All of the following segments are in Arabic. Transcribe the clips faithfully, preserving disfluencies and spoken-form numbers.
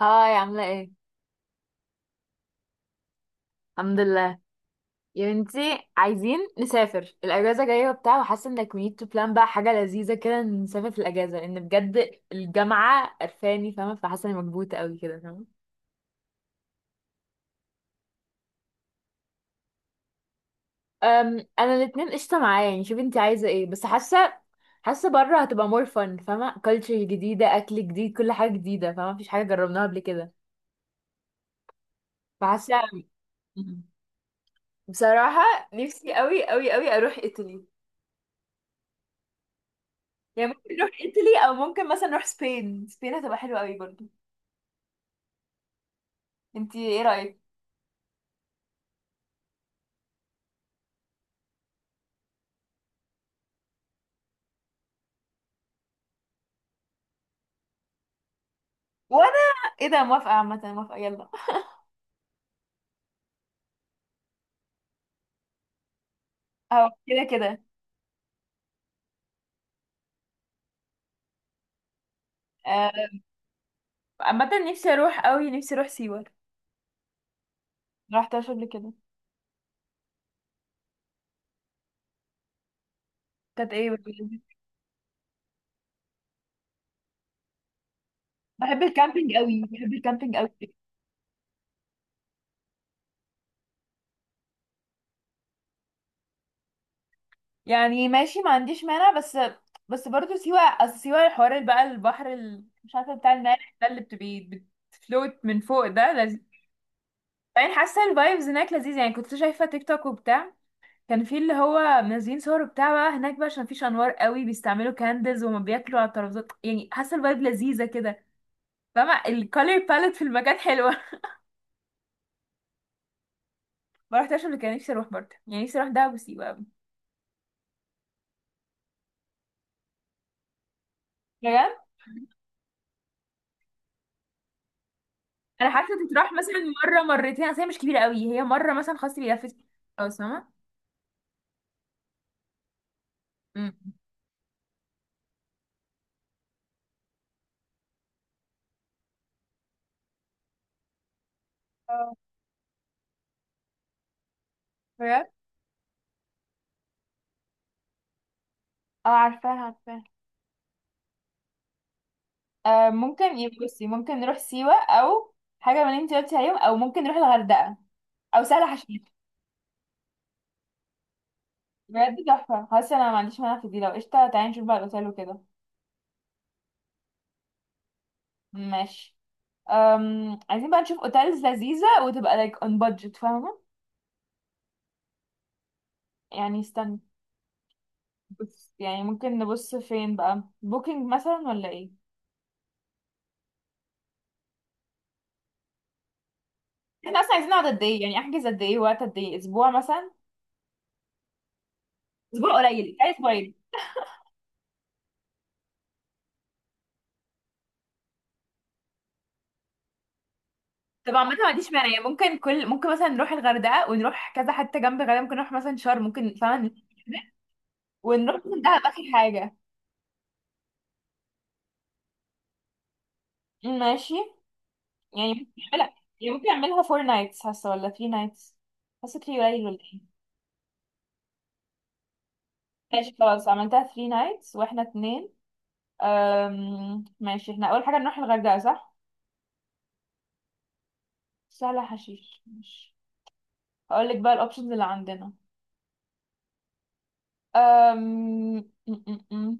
هاي عاملة ايه؟ الحمد لله، يا بنتي عايزين نسافر الأجازة جاية وبتاع، وحاسة انك we need to plan بقى حاجة لذيذة كده، نسافر في الأجازة لأن بجد الجامعة قرفاني، فاهمة؟ فحاسة اني مكبوتة قوي كده، فاهمة؟ أم، أنا الاتنين قشطة معايا، يعني شوفي انتي عايزة ايه، بس حاسة حاسة بره هتبقى more fun، فاهمة؟ culture جديدة، أكل جديد، كل حاجة جديدة، فاهمة؟ مفيش حاجة جربناها قبل كده، فحاسة. بصراحة نفسي قوي قوي قوي أروح إيطالي. يعني ممكن نروح ايطالي او ممكن مثلا نروح سبين. سبين هتبقى حلوه قوي برضو. انتي ايه رايك؟ وانا ايه ده؟ موافقه عامه، موافقه يلا. او كده كده. آه، عامه نفسي اروح قوي، نفسي اروح سيوه، ما رحتهاش قبل كده. كانت ايه برضو؟ بحب الكامبينج قوي، بحب الكامبينج قوي. يعني ماشي ما عنديش مانع بس. بس برضو سيوه اصل سيوه، الحوار اللي بقى البحر ال... مش عارفه بتاع المالح ده اللي بتبقي بتفلوت من فوق ده لذيذ. يعني حاسه الفايبز هناك لذيذ، يعني كنت شايفه تيك توك وبتاع، كان في اللي هو منزلين صور بتاع بقى هناك، بقى عشان مفيش انوار قوي بيستعملوا كاندلز وما بياكلوا على الترابيزات. يعني حاسه الفايب لذيذه كده، فاهمه؟ الكالر باليت في المكان حلوه ما رحتش قبل كده، نفسي اروح برضه، يعني نفسي اروح دهب وسيوه قوي. بجد؟ انا حاسه تتراح مثلا مره مرتين، اصل هي مش كبيره قوي، هي مره مثلا خلاص بيلفت. خلاص فاهمه. أمم. اه. بجد. اه عارفاه عارفاه. آه ممكن ي- بصي ممكن نروح سيوة او حاجة من اللي انت قلتي عليهم، او ممكن نروح الغردقة او سهل حشيش. بجد تحفة، خلاص انا ما عنديش مانع في دي، لو قشطة تعالي نشوف بقى الاوتيل وكده. ماشي. أم... عايزين بقى نشوف اوتيلز لذيذة وتبقى like on budget، فاهمة؟ يعني استنى. بص يعني ممكن نبص فين بقى، بوكينج مثلا ولا ايه؟ احنا اصلا عايزين نقعد قد ايه؟ يعني احجز قد ايه وقت، قد ايه، اسبوع مثلا؟ اسبوع قليل، تعالي اسبوعين. طب عامة ما عنديش مانع، يعني ممكن كل ممكن مثلا نروح الغردقة ونروح كذا حتة جنب الغردقة، ممكن نروح مثلا شرم ممكن، فاهمة؟ ونروح مثلا دهب اخر حاجة. ماشي. يعني ممكن اعملها، يعني ممكن اعملها فور نايتس، حاسه ولا ثري نايتس؟ حاسه ثري قليل ولا ايه؟ ماشي خلاص عملتها ثري نايتس واحنا اتنين. أم... ماشي، احنا اول حاجه نروح الغردقه صح؟ سهله حشيش ماشي. هقول لك بقى الاوبشنز اللي عندنا. أم... م- م- م.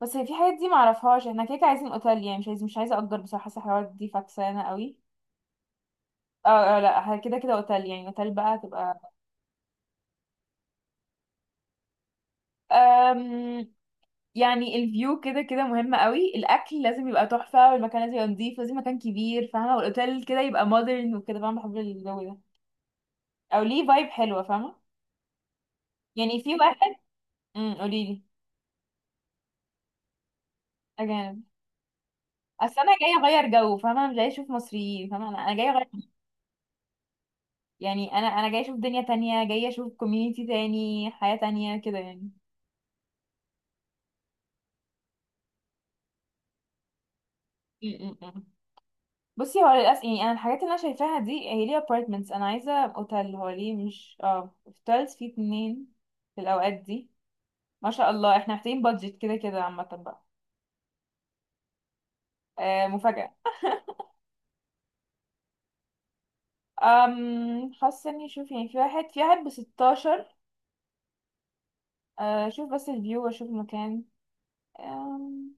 بس هي في حاجات دي معرفهاش، احنا كده كده عايزين اوتيل، يعني مش عايز مش عايزه اجر بصراحه، حاسه الحوارات دي فكسانه قوي. اه. آه، لا كده كده اوتيل، يعني اوتيل بقى تبقى. يعني الفيو كده كده مهم قوي، الاكل لازم يبقى تحفه، والمكان لازم يبقى نظيف، لازم مكان كبير، فاهمه؟ والاوتيل كده يبقى مودرن وكده، فاهمه؟ بحب الجو ده. او ليه فايب حلوه، فاهمه؟ يعني في واحد. امم قولي لي. اجانب. اصل انا جايه اغير جو، فاهمه؟ مش جايه اشوف مصريين، فاهمه؟ انا أنا جايه اغير. يعني انا انا جايه اشوف دنيا تانية، جايه اشوف كوميونيتي تاني، حياه تانية كده يعني. أمم، أمم. بصي هو للاسف، يعني انا الحاجات اللي انا شايفاها دي هي ليه ابارتمنتس، انا عايزه اوتيل، هو ليه مش اه اوتيلز، فيه اتنين في الاوقات دي. ما شاء الله، احنا محتاجين بادجت كده كده، عامة بقى. آه مفاجأة. أم حاسة اني شوف يعني في واحد في واحد بستاشر. آه شوف بس الفيو واشوف المكان. أم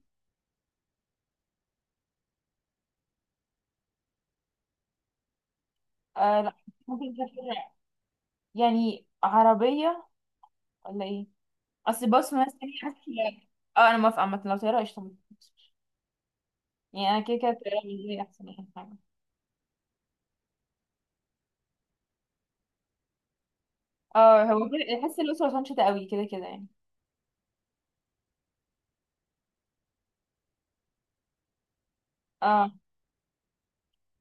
آه لا، ممكن نسافر، يعني عربية ولا ايه؟ اصل باص مثلا حاسة. اه انا موافقة عامة لو طيارة قشطة، يعني انا كده كده الطيارة بالنسبة لي احسن يعني حاجة. اه هو كده احس الأسرة عشان شتا قوي كده كده يعني. اه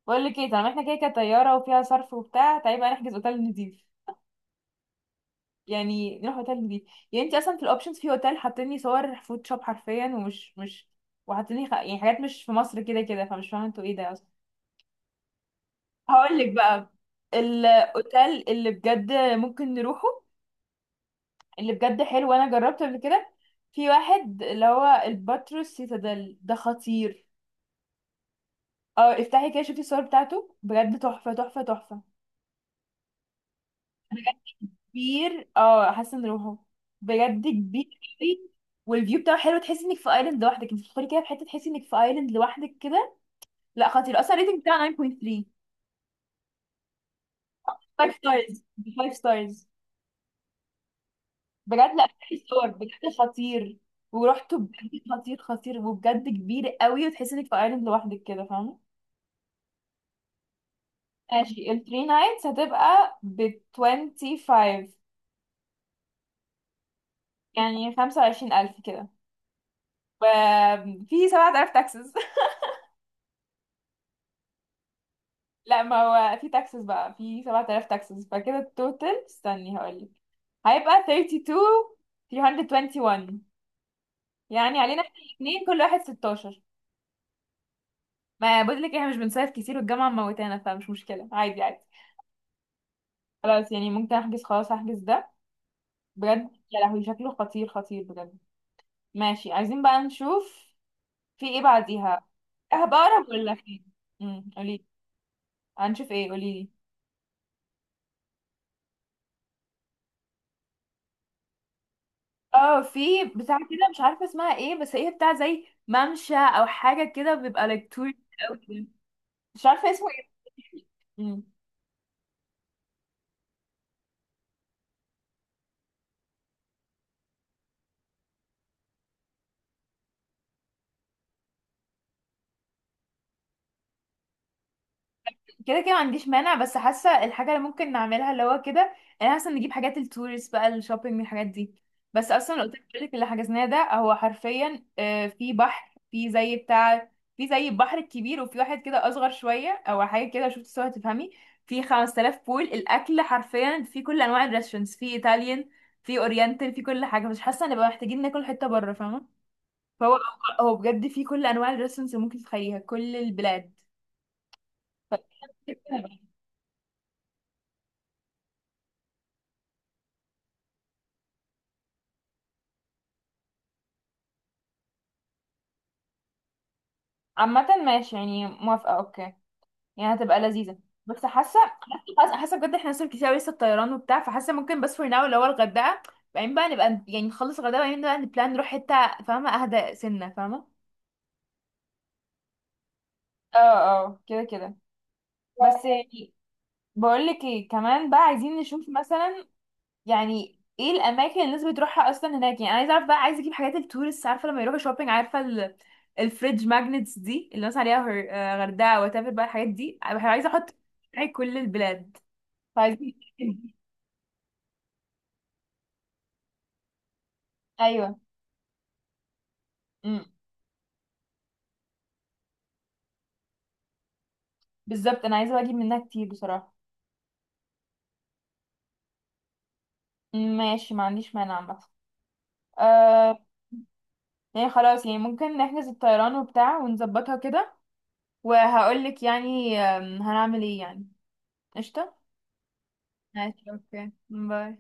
بقول لك ايه، طالما احنا كده كده طيارة وفيها صرف وبتاع، تعالي بقى نحجز اوتيل نضيف، يعني نروح اوتيل نضيف. يعني انت اصلا في الاوبشنز في اوتيل حاطيني صور فود شوب حرفيا، ومش مش وحاطيني خ... يعني حاجات مش في مصر كده كده، فمش فاهمه انتوا ايه ده اصلا. هقول لك بقى الاوتيل اللي بجد ممكن نروحه، اللي بجد حلو وانا جربته قبل كده. في واحد اللي هو الباتروس سيتادل ده خطير. اه افتحي كده شوفي الصور بتاعته، بجد تحفه تحفه تحفه. كبير اه، حاسه نروحه. بجد كبير قوي، والفيو بتاعه حلو، تحسي انك في ايلاند لوحدك، انت بتدخلي كده في حته تحسي انك في ايلاند لوحدك كده. لا خطير اصلا، الريتنج بتاعه نايَن بوينت ثري. 5 ستارز، 5 ستارز. بجد لا، في صور بجد خطير. ورحته بجد خطير خطير، وبجد كبير قوي، وتحسي انك في ايلاند لوحدك كده، فاهمه؟ ماشي، ال 3 نايتس هتبقى ب خمسة وعشرين. يعني خمسة وعشرين ألف كده، وفي سبعة آلاف تاكسز. لا ما هو في تاكسس بقى، في سبعة آلاف تاكسس، فكده التوتال استني هقولك. هيبقى اتنين وتلاتين. يعني علينا احنا الاثنين كل واحد ستاشر. ما بقول لك احنا مش بنصيف كتير والجامعة موتانا، فمش مشكلة، عادي عادي. خلاص يعني ممكن احجز، خلاص هحجز ده. بجد يا لهوي شكله خطير خطير بجد. ماشي عايزين بقى نشوف في ايه بعديها. اهبقرب ولا فين؟ امم قولي. هنشوف ايه قولي. اه في بتاع كده مش عارفه اسمها ايه، بس هي بتاع زي ممشى او حاجه كده، بيبقى لك تور. أوي كده. مش عارفه اسمه ايه. مم. كده كده ما عنديش مانع، بس حاسه الحاجه اللي ممكن نعملها اللي هو كده، انا حاسه نجيب حاجات التوريست بقى، الشوبينج الحاجات دي. بس اصلا لو قلت لك اللي حجزناه ده هو حرفيا، آه، في بحر، في زي بتاع، في زي البحر الكبير، وفي واحد كده اصغر شويه او حاجه كده، شفت صور تفهمي. في خمسة آلاف بول، الاكل حرفيا في كل انواع الريستورانتس، في ايطاليان، في اورينتال، في كل حاجه، مش حاسه نبقى محتاجين ناكل حته بره، فاهمه؟ فهو هو بجد في كل انواع الريستورانتس اللي ممكن تتخيليها، كل البلاد. عامة ماشي يعني موافقة اوكي، يعني هتبقى لذيذة. بس حاسة، حاسة حاسة بجد احنا لسه كتير أوي، لسه الطيران وبتاع، فحاسة ممكن بس فور ناو اللي هو الغردقة، بعدين بقى نبقى يعني نخلص الغردقة بعدين بقى نبلان نروح حتة، فاهمة؟ اهدى سنة فاهمة. اه. اه كده كده. بس يعني بقولك ايه كمان بقى، عايزين نشوف مثلا يعني ايه الاماكن اللي الناس بتروحها اصلا هناك. يعني انا عايزه اعرف بقى، عايزه اجيب حاجات التورست، عارفه لما يروحوا شوبينج، عارفه ال... الفريج ماجنتس دي اللي الناس عليها، هر- آه، غردقه وتافر بقى، الحاجات دي أنا عايزه احط في كل البلاد. فعايزين ايوه امم. بالظبط انا عايزه بقى اجيب منها كتير بصراحه. أمم، ماشي ما عنديش مانع عامه. آه. يعني خلاص يعني ممكن نحجز الطيران وبتاع ونظبطها كده، وهقولك يعني آم، هنعمل ايه يعني. قشطه. ماشي اوكي باي.